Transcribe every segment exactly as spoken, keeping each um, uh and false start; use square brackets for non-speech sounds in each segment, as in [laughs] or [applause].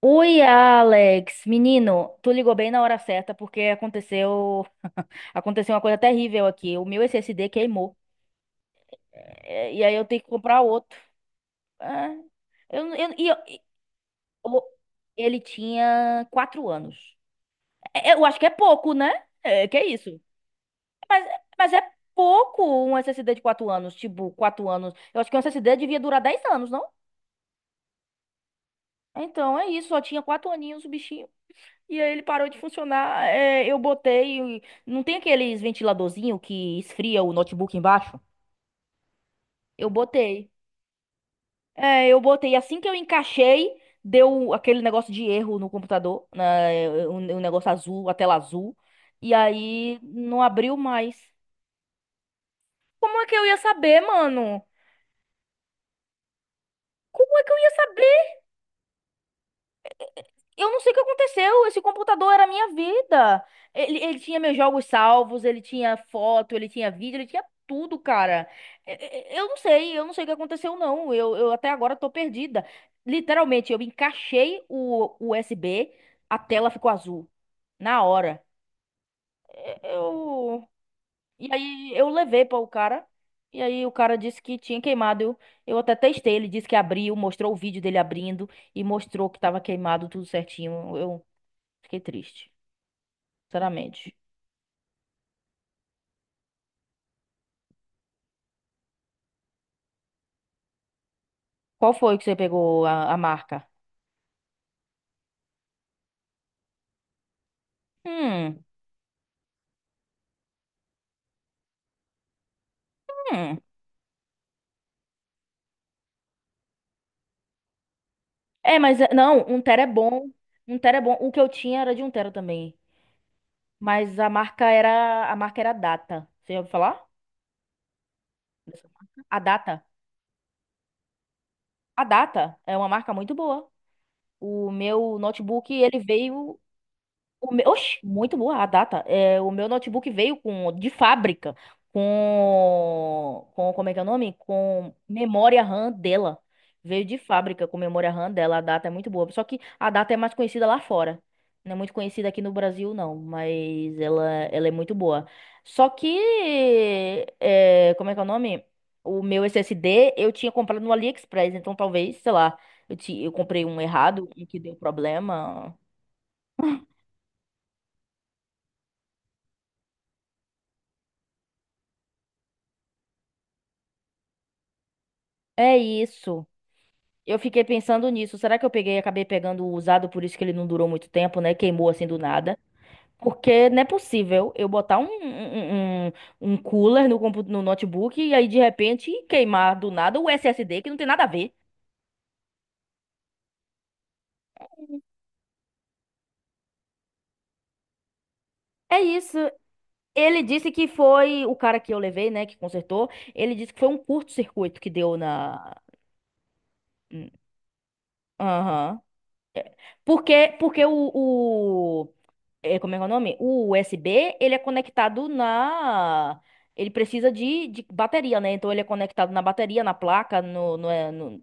Oi, Alex, menino, tu ligou bem na hora certa porque aconteceu, aconteceu uma coisa terrível aqui. O meu S S D queimou. É, e aí eu tenho que comprar outro. Ah, eu, eu, e eu- e- o- ele tinha quatro anos. É, eu acho que é pouco, né? É, que é isso? Mas, mas é pouco um S S D de quatro anos, tipo quatro anos. Eu acho que um S S D devia durar dez anos, não? Então é isso, só tinha quatro aninhos o bichinho. E aí ele parou de funcionar. É, eu botei. Não tem aqueles ventiladorzinho que esfria o notebook embaixo? Eu botei. É, eu botei. Assim que eu encaixei, deu aquele negócio de erro no computador, né, o o negócio azul, a tela azul. E aí não abriu mais. Como é que eu ia saber, mano? Como é que eu ia saber? Eu não sei o que aconteceu. Esse computador era a minha vida. Ele, ele tinha meus jogos salvos, ele tinha foto, ele tinha vídeo, ele tinha tudo, cara. E- e- Eu não sei, eu não sei o que aconteceu, não. Eu, eu até agora tô perdida. Literalmente, eu encaixei o o U S B, a tela ficou azul. Na hora. Eu. E aí eu levei para o cara. E aí o cara disse que tinha queimado. Eu, eu até testei, ele disse que abriu, mostrou o vídeo dele abrindo e mostrou que tava queimado tudo certinho. Fiquei triste, sinceramente. Qual foi que você pegou a, a marca? Hum, hum. É, mas é- não, um tera é bom. Um tera é bom. O que eu tinha era de um tera também. Mas a marca era, a marca era Data. Você já ouviu falar? Dessa marca? A Data. A Data é uma marca muito boa. O meu notebook, ele veio. O meu, oxe, muito boa a data. É, o meu notebook veio com de fábrica com, com como é que é o nome? Com memória R A M dela. Veio de fábrica com memória R A M dela. A data é muito boa. Só que a data é mais conhecida lá fora. Não é muito conhecida aqui no Brasil, não. Mas ela, ela é muito boa. Só que é, como é que é o nome? O meu S S D eu tinha comprado no AliExpress, então talvez, sei lá, eu, ti- eu comprei um errado, um que deu problema. É isso. Eu fiquei pensando nisso. Será que eu peguei, acabei pegando o usado, por isso que ele não durou muito tempo, né? Queimou assim do nada. Porque não é possível eu botar um, um, um, um um cooler no, compu- no notebook e aí de repente queimar do nada o S S D, que não tem nada a ver. É isso. Ele disse que foi o cara que eu levei, né, que consertou. Ele disse que foi um curto-circuito que deu na. Hum, Aham. Porque, porque o, é, como é que é o nome? O U S B, ele é conectado na. Ele precisa de, de bateria, né? Então ele é conectado na bateria, na placa, no, no, é, no-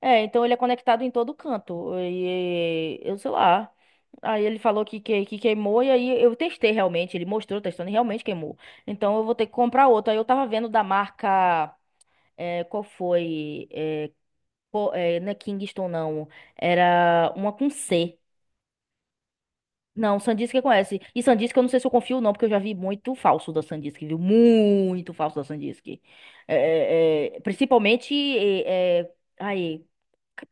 é, então ele é conectado em todo canto. E eu sei lá. Aí ele falou que, que, que queimou, e aí eu testei realmente. Ele mostrou testando e realmente queimou. Então eu vou ter que comprar outro. Aí eu tava vendo da marca. É, qual foi? É, co- é, não é Kingston, não. Era uma com C. Não, Sandisk que conhece. E Sandisk eu não sei se eu confio ou não, porque eu já vi muito falso da Sandisk, viu? Muito falso da Sandisk. É, é, é, principalmente é, é, aí,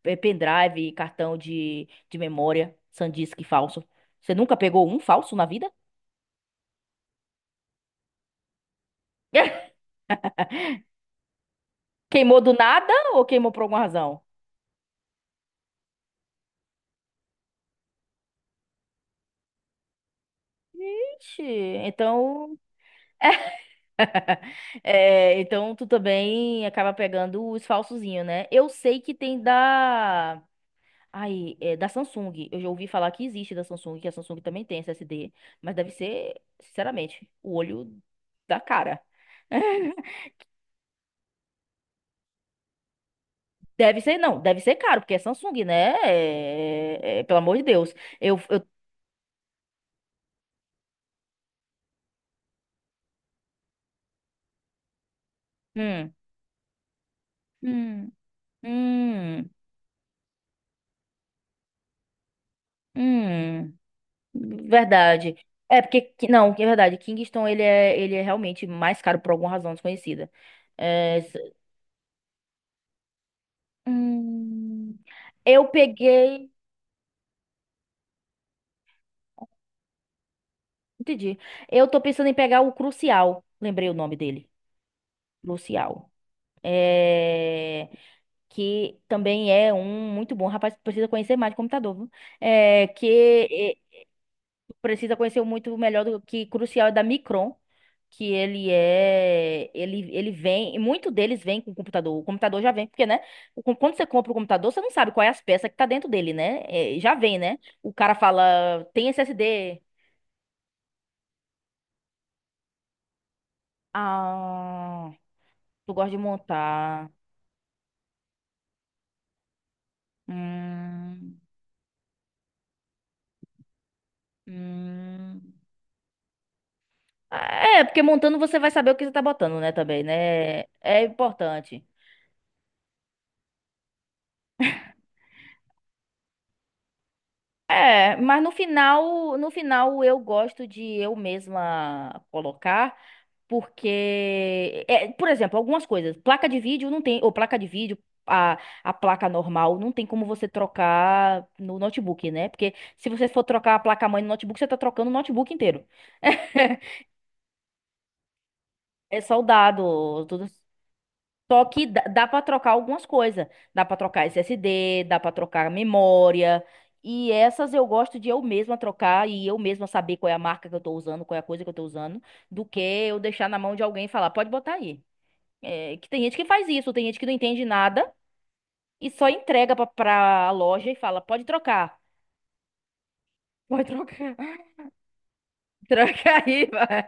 é pendrive, cartão de, de memória, Sandisk falso. Você nunca pegou um falso na vida? [laughs] Queimou do nada ou queimou por alguma razão? Ixi, Então, é, então tu também acaba pegando os falsozinhos, né? Eu sei que tem da. Aí é da Samsung. Eu já ouvi falar que existe da Samsung, que a Samsung também tem S S D, mas deve ser, sinceramente, o olho da cara. [laughs] Deve ser, não, deve ser caro, porque é Samsung, né? É- é- pelo amor de Deus. Eu, eu, hum, hum, hum, hum. Verdade. É porque, que- não, que é verdade, Kingston, ele é, ele é realmente mais caro por alguma razão desconhecida. É, s- hum, eu peguei. Entendi. Eu tô pensando em pegar o Crucial. Lembrei o nome dele. Crucial. É. Que também é um muito bom. Rapaz, precisa conhecer mais de computador, viu? É. Que é, precisa conhecer muito melhor do que Crucial é da Micron. Que ele é. Ele, ele vem. E muito deles vem com o computador. O computador já vem, porque, né? o com- Quando você compra o computador, você não sabe qual é as peças que tá dentro dele, né? É, já vem, né? O cara fala, tem S S D. Ah, tu gosta de montar. Hum, hum. É, porque montando você vai saber o que você tá botando, né, também, né? É importante. É, mas no final, no final eu gosto de eu mesma colocar, porque, é, por exemplo, algumas coisas, placa de vídeo não tem, ou placa de vídeo, a, a placa normal não tem como você trocar no notebook, né? Porque se você for trocar a placa-mãe no notebook, você tá trocando o notebook inteiro. [laughs] É soldado, tudo. Só que dá, dá para trocar algumas coisas. Dá para trocar S S D, dá para trocar memória. E essas eu gosto de eu mesma trocar e eu mesma saber qual é a marca que eu tô usando, qual é a coisa que eu tô usando, do que eu deixar na mão de alguém e falar, pode botar aí. É, que tem gente que faz isso, tem gente que não entende nada e só entrega pra, pra loja e fala, pode trocar. Pode trocar. [laughs] Troca aí, vai.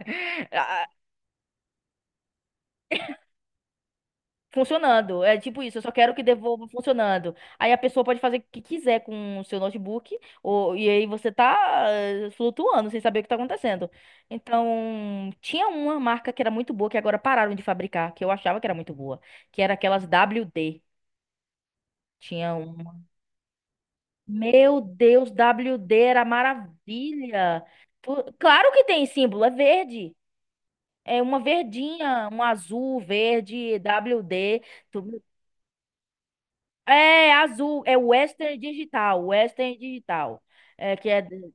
Funcionando. É tipo isso, eu só quero que devolva funcionando. Aí a pessoa pode fazer o que quiser com o seu notebook, ou, e aí você tá eh, flutuando sem saber o que tá acontecendo. Então, tinha uma marca que era muito boa, que agora pararam de fabricar, que eu achava que era muito boa, que era aquelas W D. Tinha uma. Meu Deus, W D era maravilha. Pô, claro que tem símbolo, é verde. É uma verdinha, um azul, verde, W D. É azul, é Western Digital, Western Digital. É que é. de-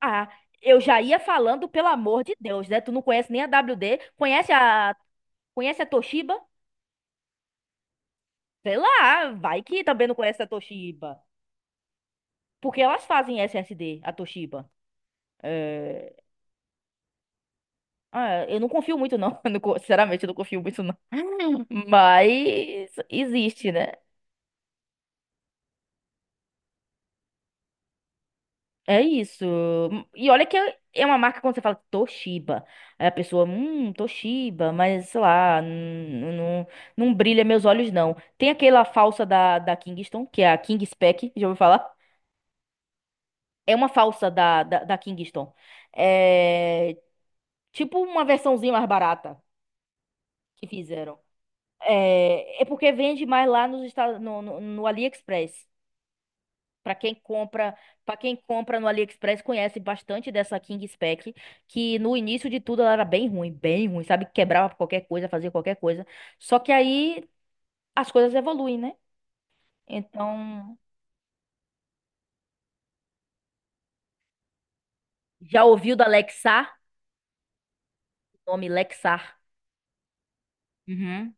Ah, eu já ia falando, pelo amor de Deus, né? Tu não conhece nem a W D, conhece a, conhece a Toshiba? Sei lá, vai que também não conhece a Toshiba. Porque elas fazem S S D, a Toshiba. É, ah, eu não confio muito, não. [laughs] Eu não co- Sinceramente, eu não confio muito, não. [laughs] Mas existe, né? É isso. E olha que é uma marca quando você fala Toshiba. Aí a pessoa, hum, Toshiba, mas sei lá, não, não, não brilha meus olhos, não. Tem aquela falsa da, da Kingston, que é a King Spec, já ouviu falar? É uma falsa da, da, da Kingston. É tipo uma versãozinha mais barata que fizeram. É, é porque vende mais lá nos Estados, no, no, no AliExpress. Para quem compra, para quem compra no AliExpress conhece bastante dessa King Spec, que no início de tudo ela era bem ruim, bem ruim, sabe? Quebrava qualquer coisa, fazia qualquer coisa. Só que aí as coisas evoluem, né? Então, já ouviu da Lexar? O nome Lexar. Uhum.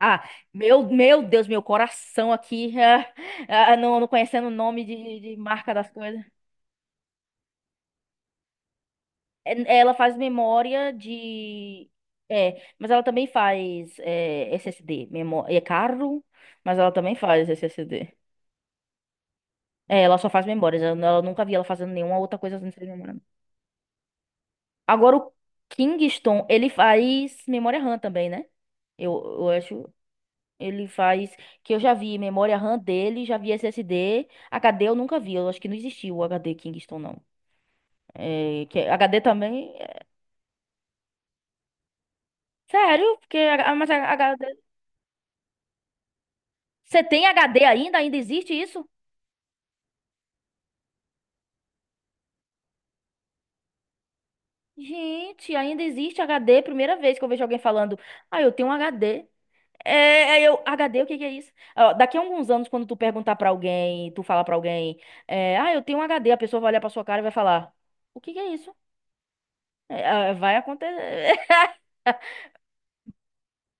Ah, meu, meu Deus, meu coração aqui, [laughs] ah, ah, não, não conhecendo o nome de, de marca das coisas. É, ela faz memória de. É, mas ela também faz é, S S D. Memó... É caro, mas ela também faz S S D. É, ela só faz memórias. Eu, eu nunca vi ela fazendo nenhuma outra coisa sem ser memória. Agora, o Kingston, ele faz memória R A M também, né? Eu, eu acho. Ele faz. Que eu já vi memória R A M dele, já vi S S D. H D eu nunca vi. Eu acho que não existia o H D Kingston, não. É, que H D também. é, Sério, porque. Ah, Mas H D Você tem H D ainda? Ainda existe isso? Gente, ainda existe H D. Primeira vez que eu vejo alguém falando, ah, eu tenho um H D. É, é, eu, H D, o que que é isso? Ó, daqui a alguns anos, quando tu perguntar pra alguém, tu falar pra alguém, é, ah, eu tenho um H D, a pessoa vai olhar pra sua cara e vai falar, o que que é isso? É, ah, vai acontecer. [laughs]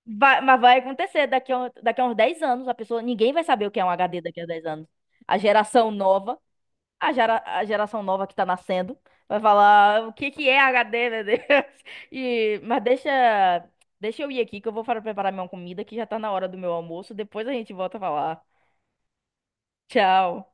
Vai- mas vai acontecer daqui a, daqui a uns dez anos, a pessoa, ninguém vai saber o que é um H D daqui a dez anos. A geração nova A, gera- a geração nova que tá nascendo vai falar o que que é H D, meu Deus. [laughs] E, mas deixa, deixa eu ir aqui que eu vou para preparar minha comida que já tá na hora do meu almoço. Depois a gente volta a falar. Tchau.